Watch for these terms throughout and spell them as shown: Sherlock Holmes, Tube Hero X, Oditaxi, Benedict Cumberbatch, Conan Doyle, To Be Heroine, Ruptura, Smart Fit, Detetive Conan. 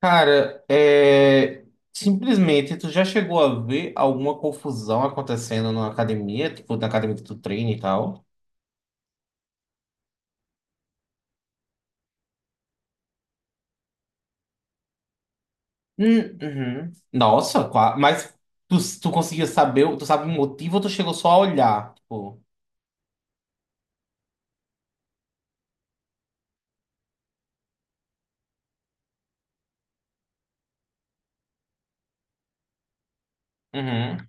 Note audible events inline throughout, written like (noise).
Cara, simplesmente tu já chegou a ver alguma confusão acontecendo na academia, tipo na academia que tu treina e tal? Uhum. Nossa, mas tu conseguiu saber, tu sabe o motivo ou tu chegou só a olhar? Tipo, uhum,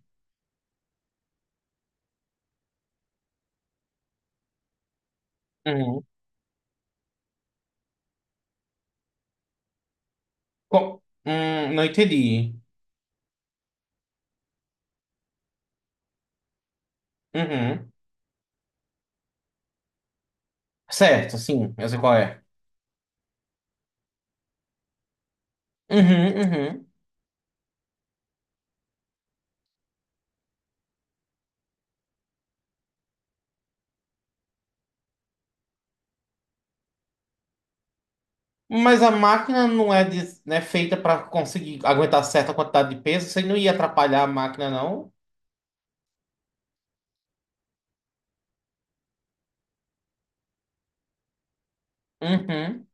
uhum. Não entendi. Uhum. Certo, sim, eu sei qual é. Uhum, uhum. Mas a máquina não é, não é feita pra conseguir aguentar certa quantidade de peso, você não ia atrapalhar a máquina, não? Uhum.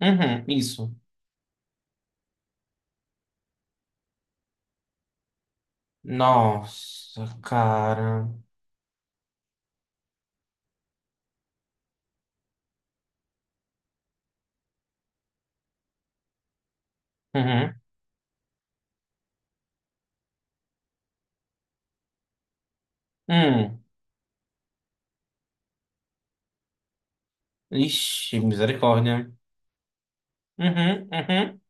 Uhum, isso. Nossa, cara. Uhum. Hum. Ixi, misericórdia. Uhum, uhum.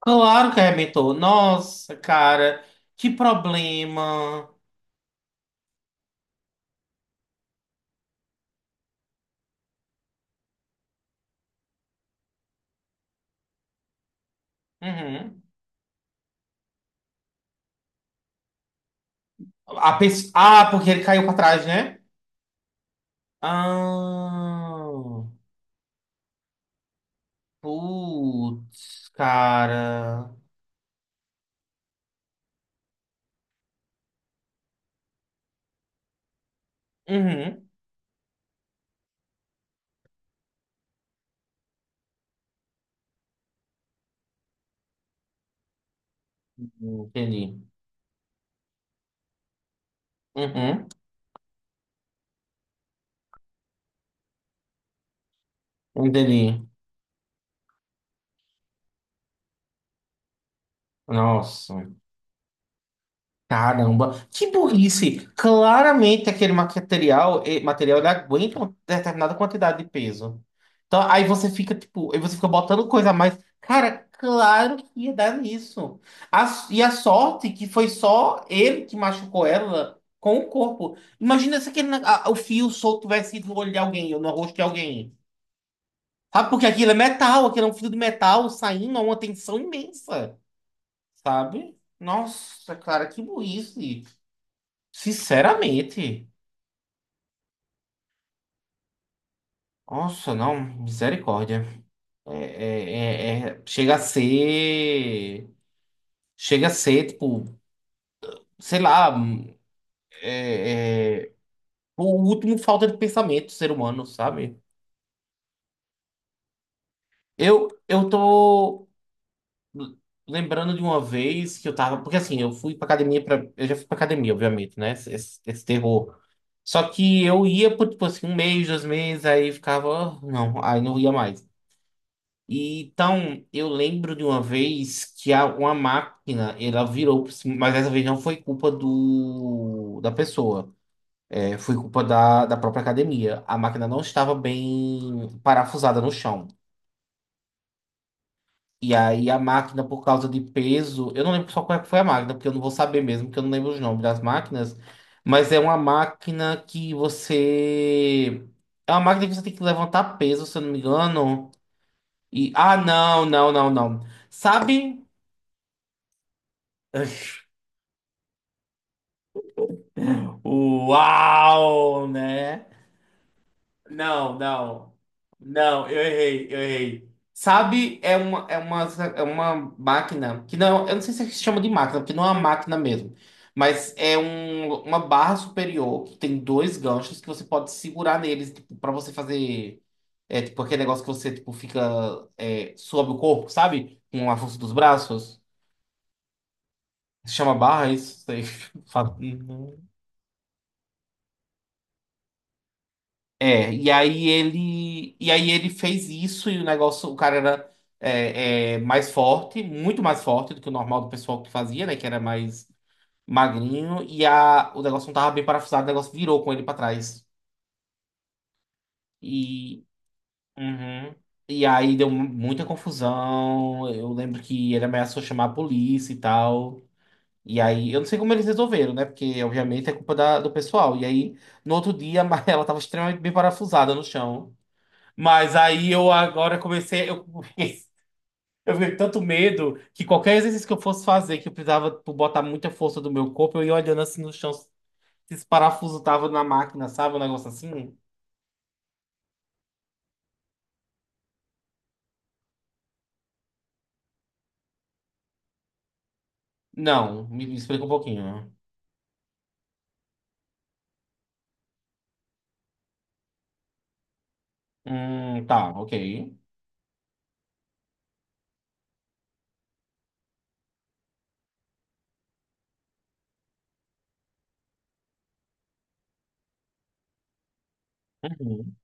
Claro que arrebentou. Nossa, cara. Que problema. Uhum. Ah, porque ele caiu pra trás, né? Ah. Putz, cara. Uhum. Entendi. Uhum. Entendi. Nossa. Caramba, que burrice! Claramente aquele material ele aguenta uma determinada quantidade de peso. Então aí você fica tipo, aí você fica botando coisa a mais. Cara, claro que ia dar nisso. E a sorte que foi só ele que machucou ela com o corpo. Imagina se aquele, o fio solto tivesse ido no olho de alguém ou no rosto de alguém. Sabe? Porque aquilo é metal, aquilo é um fio de metal saindo a uma tensão imensa, sabe? Nossa, cara, que burrice. Sinceramente, nossa, não, misericórdia. Chega a ser. Chega a ser, tipo, sei lá, o último falta de pensamento do ser humano, sabe? Eu tô lembrando de uma vez que eu tava. Porque assim, eu fui pra academia pra. Eu já fui pra academia, obviamente, né? Esse terror. Só que eu ia por, tipo assim, um mês, dois meses, aí ficava. "Ah, não, aí não ia mais." E, então, eu lembro de uma vez que uma máquina, ela virou, mas dessa vez não foi culpa da pessoa, foi culpa da própria academia. A máquina não estava bem parafusada no chão. E aí a máquina, por causa de peso, eu não lembro só qual é que foi a máquina, porque eu não vou saber mesmo, porque eu não lembro os nomes das máquinas, mas é uma máquina que você... É uma máquina que você tem que levantar peso, se eu não me engano. Ah, não, não, não, não. Sabe... (laughs) Uau, né? Não, não. Não, eu errei, eu errei. Sabe, é uma máquina que não, eu não sei se chama de máquina, porque não é uma máquina mesmo, mas é uma barra superior que tem dois ganchos que você pode segurar neles, tipo, para você fazer tipo aquele negócio que você tipo fica sob o corpo, sabe? Com a força dos braços. Se chama barra, é isso? Sei. (laughs) É, e aí ele fez isso e o negócio, o cara era mais forte, muito mais forte do que o normal do pessoal que fazia, né? Que era mais magrinho, e o negócio não tava bem parafusado, o negócio virou com ele pra trás. E, uhum. E aí deu muita confusão. Eu lembro que ele ameaçou chamar a polícia e tal. E aí, eu não sei como eles resolveram, né? Porque, obviamente, é culpa do pessoal. E aí, no outro dia, (laughs) ela tava extremamente bem parafusada no chão. Mas aí eu agora comecei, (laughs) eu fiquei com tanto medo que qualquer exercício que eu fosse fazer, que eu precisava tipo, botar muita força do meu corpo, eu ia olhando assim no chão, se esse parafuso tava na máquina, sabe? Um negócio assim. Não, me explica um pouquinho. Tá, ok. Uhum.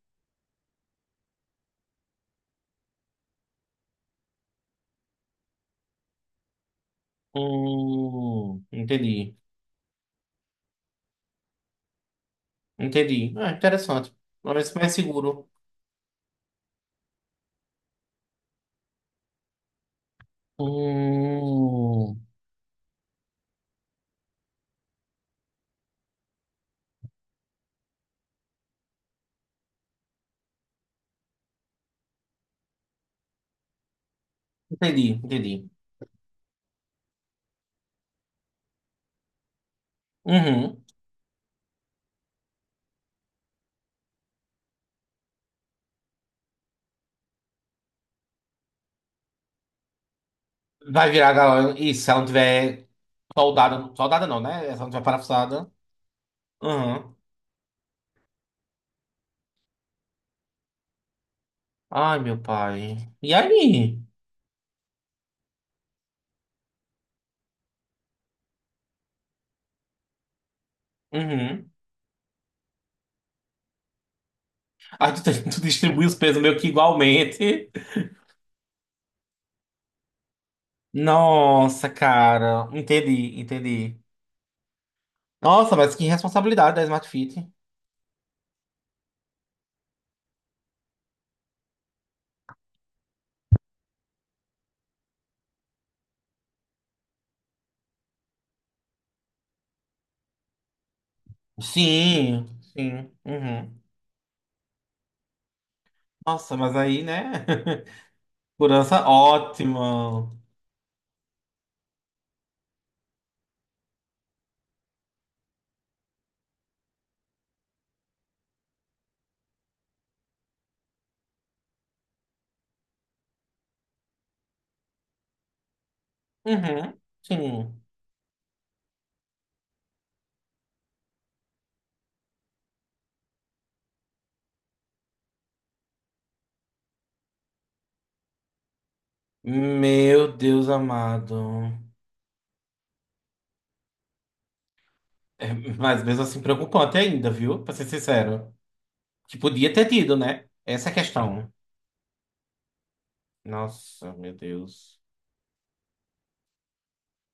Entendi. Entendi. Ah, interessante. Parece mais seguro. Hum, entendi, entendi. Uhum. Vai virar galera. Isso, se ela não tiver soldada, soldada não, né? Essa não foi parafusada. Uhum. Ai, meu pai. E aí? Uhum. Aí tu, (laughs) tu distribui os pesos meio que igualmente. Nossa, cara. Entendi, entendi. Nossa, mas que responsabilidade da Smart Fit. Sim, sim. Uhum. Nossa, mas aí, né? (laughs) Segurança ótima. Uhum, sim. Meu Deus amado. É, mas mesmo assim preocupante ainda, viu? Pra ser sincero. Que podia ter tido, né? Essa é a questão. Nossa, meu Deus.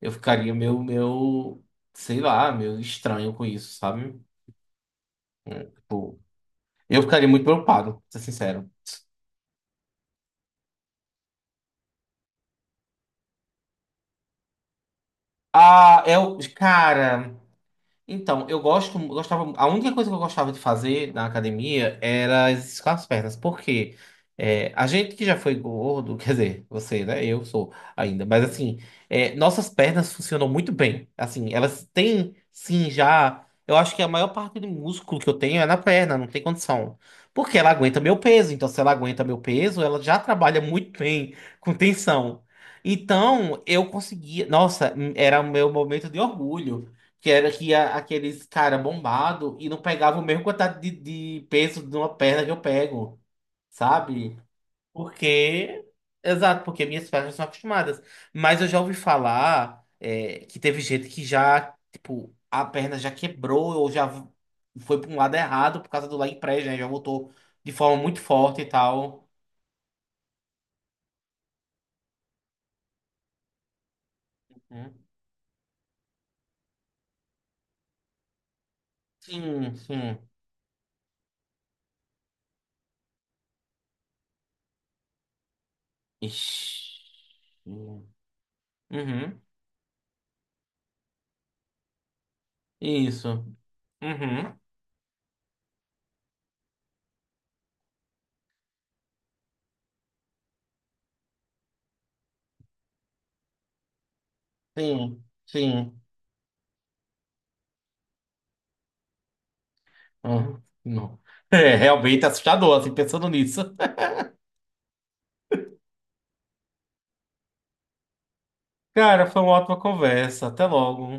Eu ficaria meu, sei lá, meu estranho com isso, sabe? É, tipo, eu ficaria muito preocupado, pra ser sincero. Ah, é o. Cara. Então, eu gostava, a única coisa que eu gostava de fazer na academia era exercício com as pernas, porque a gente que já foi gordo, (laughs) quer dizer, você, né? Eu sou ainda, mas assim, nossas pernas funcionam muito bem. Assim, elas têm, sim, já. Eu acho que a maior parte do músculo que eu tenho é na perna, não tem condição. Porque ela aguenta meu peso, então se ela aguenta meu peso, ela já trabalha muito bem (laughs) com tensão. Então, eu conseguia. Nossa, era o meu momento de orgulho. Que era que aqueles cara bombado e não pegava o mesmo quantidade de peso de uma perna que eu pego, sabe? Porque. Exato, porque minhas pernas são acostumadas. Mas eu já ouvi falar que teve gente que já, tipo, a perna já quebrou ou já foi para um lado errado por causa do leg press, né? Já voltou de forma muito forte e tal. Uhum. Sim, sim. Ixi. Uhum. Isso. Uhum. Sim, sim. Ah, não. É realmente assustador, assim, pensando nisso. Cara, foi uma ótima conversa. Até logo.